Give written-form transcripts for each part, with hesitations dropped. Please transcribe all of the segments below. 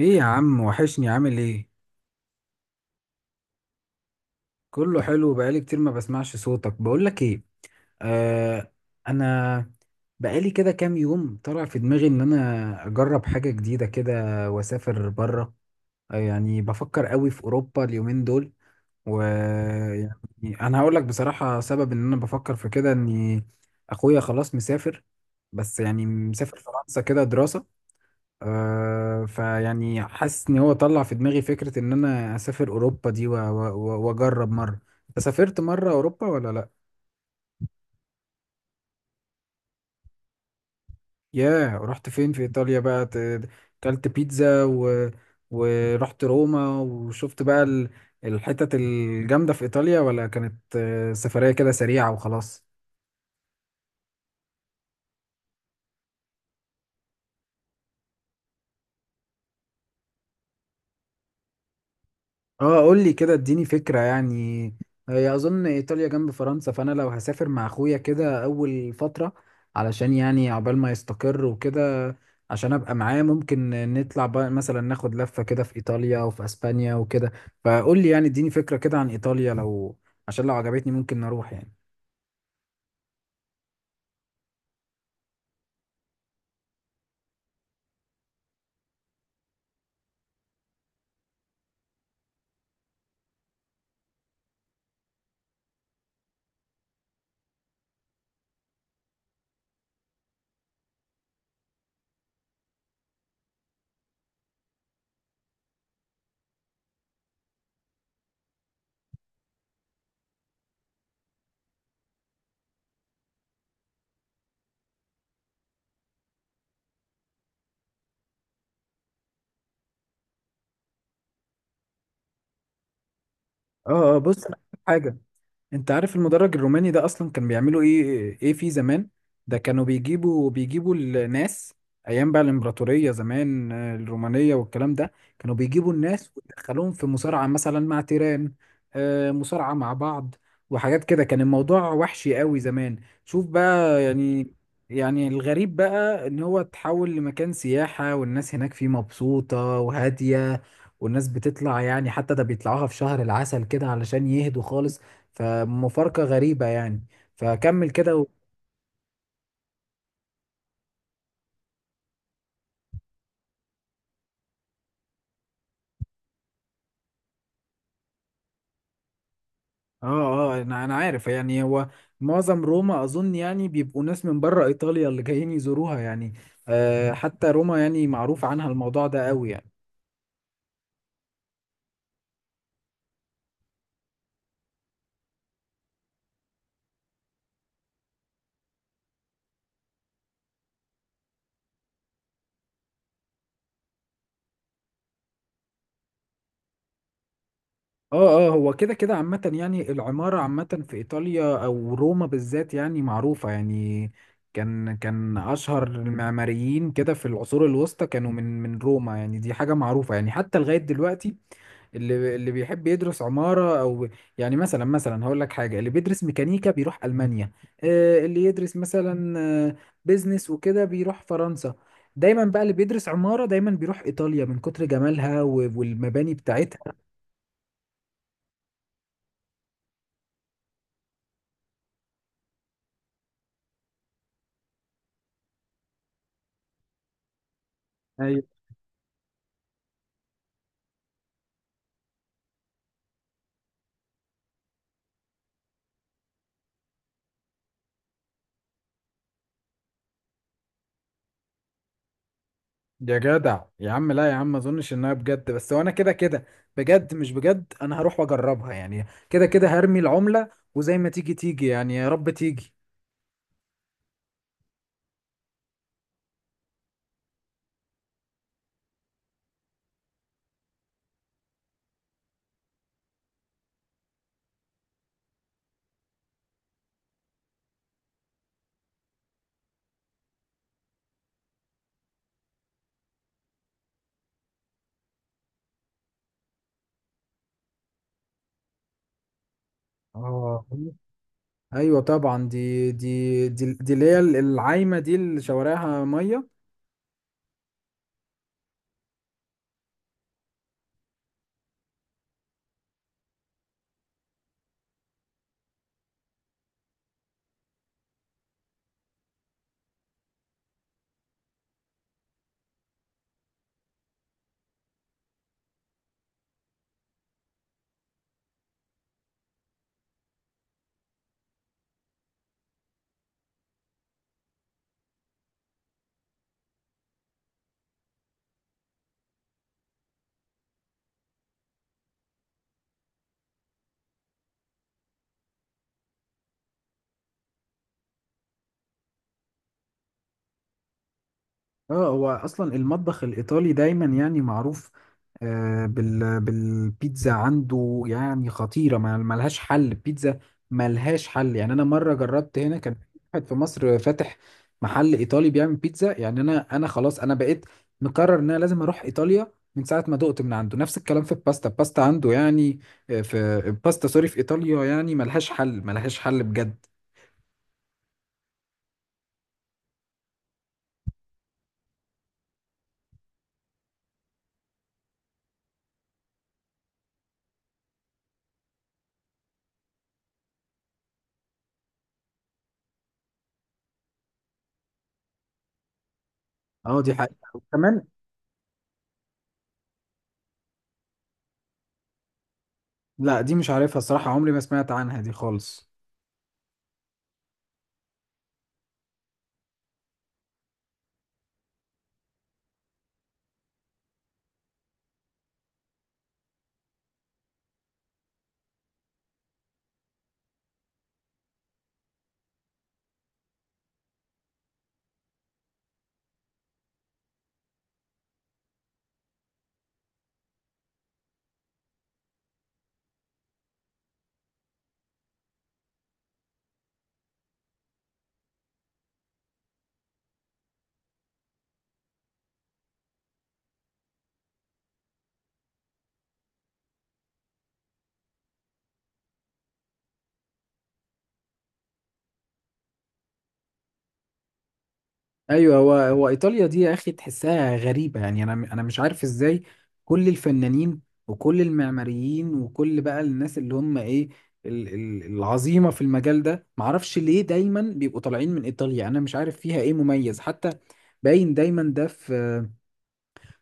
ايه يا عم، وحشني. عامل ايه؟ كله حلو، بقالي كتير ما بسمعش صوتك. بقولك ايه، آه، انا بقالي كده كام يوم طلع في دماغي ان انا اجرب حاجة جديدة كده واسافر بره. آه يعني بفكر قوي في اوروبا اليومين دول. ويعني انا هقولك بصراحة سبب ان انا بفكر في كده اني اخويا خلاص مسافر، بس يعني مسافر فرنسا كده دراسة. آه، فيعني حاسس ان هو طلع في دماغي فكرة ان انا اسافر اوروبا دي واجرب مرة. انت سافرت مرة اوروبا ولا لا؟ ياه، رحت فين في ايطاليا بقى كلت بيتزا ورحت روما وشفت بقى الحتت الجامدة في ايطاليا، ولا كانت سفرية كده سريعة وخلاص؟ اه قول لي كده اديني فكرة يعني. هي اظن ايطاليا جنب فرنسا، فانا لو هسافر مع اخويا كده اول فترة علشان يعني عقبال ما يستقر وكده، عشان ابقى معاه. ممكن نطلع بقى مثلا ناخد لفة كده في ايطاليا وفي اسبانيا وكده، فقول لي يعني اديني فكرة كده عن ايطاليا، لو عشان لو عجبتني ممكن نروح يعني. اه، بص، أنا هقول حاجة. انت عارف المدرج الروماني ده اصلا كان بيعملوا ايه ايه فيه زمان؟ ده كانوا بيجيبوا الناس ايام بقى الامبراطوريه زمان، آه، الرومانيه والكلام ده. كانوا بيجيبوا الناس ويدخلوهم في مصارعه مثلا مع تيران، مصارعه مع بعض وحاجات كده. كان الموضوع وحشي قوي زمان. شوف بقى يعني. يعني الغريب بقى ان هو اتحول لمكان سياحه والناس هناك فيه مبسوطه وهاديه، والناس بتطلع يعني، حتى ده بيطلعوها في شهر العسل كده علشان يهدوا خالص. فمفارقة غريبة يعني. فكمل كده اه اه، انا عارف يعني. هو معظم روما اظن يعني بيبقوا ناس من بره ايطاليا اللي جايين يزوروها يعني. آه، حتى روما يعني معروف عنها الموضوع ده قوي يعني. اه، هو كده كده عامة، يعني العمارة عامة في ايطاليا او روما بالذات يعني معروفة يعني. كان اشهر المعماريين كده في العصور الوسطى كانوا من روما يعني، دي حاجة معروفة يعني حتى لغاية دلوقتي. اللي بيحب يدرس عمارة او يعني مثلا هقول لك حاجة، اللي بيدرس ميكانيكا بيروح ألمانيا، اللي يدرس مثلا، آه، بيزنس وكده بيروح فرنسا. دايما بقى اللي بيدرس عمارة دايما بيروح إيطاليا من كتر جمالها والمباني بتاعتها. ايوه. يا جدع يا عم، لا يا عم، ما اظنش انها بجد، بس وانا كده كده بجد مش بجد، انا هروح واجربها يعني. كده كده هرمي العملة وزي ما تيجي تيجي يعني، يا رب تيجي. اه، ايوه طبعا، دي اللي هي العايمه، دي اللي شوارعها ميه. اه، هو اصلا المطبخ الايطالي دايما يعني معروف، آه، بالبيتزا عنده يعني خطيره، ما ملهاش حل البيتزا، ملهاش حل يعني. انا مره جربت هنا كان واحد في مصر فاتح محل ايطالي بيعمل بيتزا، يعني انا خلاص انا بقيت مقرر ان انا لازم اروح ايطاليا من ساعه ما دقت من عنده. نفس الكلام في الباستا، عنده يعني، في الباستا، سوري، في ايطاليا يعني ملهاش حل، ملهاش حل بجد. اه دي حقيقة كمان. لا دي مش عارفها الصراحة، عمري ما سمعت عنها دي خالص. ايوه، هو ايطاليا دي يا اخي تحسها غريبة يعني، انا مش عارف ازاي كل الفنانين وكل المعماريين وكل بقى الناس اللي هم ايه، العظيمة في المجال ده، معرفش ليه دايما بيبقوا طالعين من ايطاليا. انا مش عارف فيها ايه مميز. حتى باين دايما ده في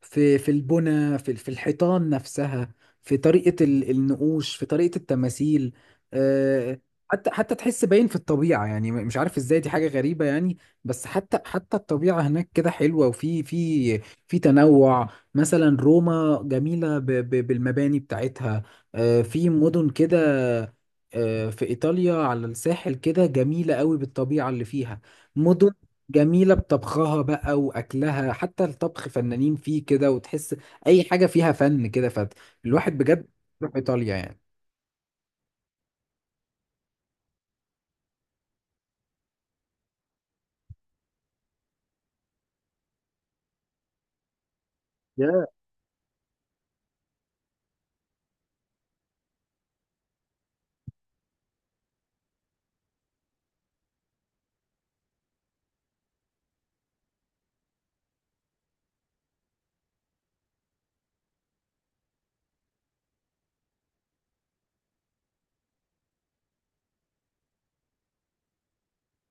في البنى، في الحيطان نفسها، في طريقة النقوش، في طريقة التماثيل، آه، حتى حتى تحس باين في الطبيعة يعني، مش عارف ازاي، دي حاجة غريبة يعني. بس حتى حتى الطبيعة هناك كده حلوة، وفي في تنوع. مثلا روما جميلة بالمباني بتاعتها، آه، في مدن كده، آه، في إيطاليا على الساحل كده جميلة قوي بالطبيعة اللي فيها. مدن جميلة بطبخها بقى وأكلها، حتى الطبخ فنانين فيه كده. وتحس أي حاجة فيها فن كده، فالواحد بجد يروح إيطاليا يعني.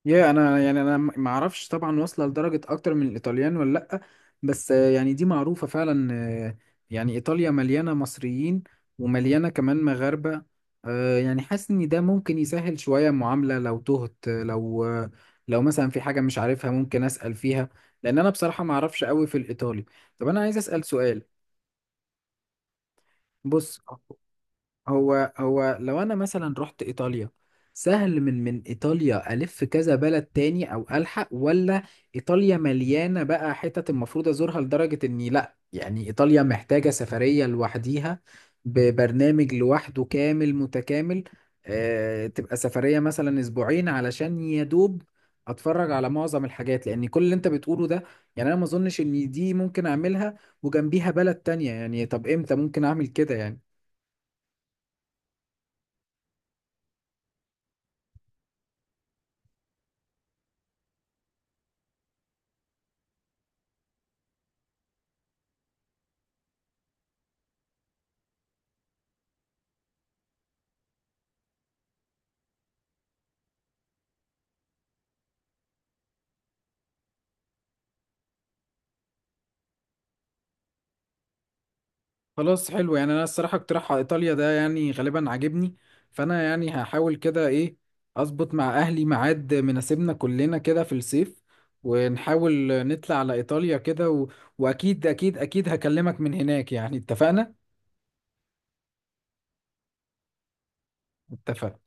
يا انا يعني، انا ما اعرفش طبعا واصله لدرجه اكتر من الايطاليان ولا لا، بس آه، يعني دي معروفه فعلا، آه، يعني ايطاليا مليانه مصريين، ومليانه كمان مغاربه. آه، يعني حاسس ان ده ممكن يسهل شويه المعامله لو تهت، لو مثلا في حاجه مش عارفها ممكن اسال فيها، لان انا بصراحه ما اعرفش قوي في الايطالي. طب انا عايز اسال سؤال، بص، هو لو انا مثلا رحت ايطاليا، سهل من ايطاليا الف كذا بلد تاني او الحق، ولا ايطاليا مليانه بقى حتت المفروض ازورها لدرجه اني لا، يعني ايطاليا محتاجه سفريه لوحديها ببرنامج لوحده كامل متكامل، آه تبقى سفريه مثلا اسبوعين علشان يا دوب اتفرج على معظم الحاجات، لان كل اللي انت بتقوله ده، يعني انا ما اظنش ان دي ممكن اعملها وجنبيها بلد تانية يعني؟ طب امتى ممكن اعمل كده يعني؟ خلاص حلو، يعني انا الصراحه اقتراح على ايطاليا ده يعني غالبا عاجبني، فانا يعني هحاول كده ايه، اظبط مع اهلي ميعاد مناسبنا كلنا كده في الصيف، ونحاول نطلع على ايطاليا كده واكيد اكيد اكيد هكلمك من هناك يعني، اتفقنا. اتفقنا.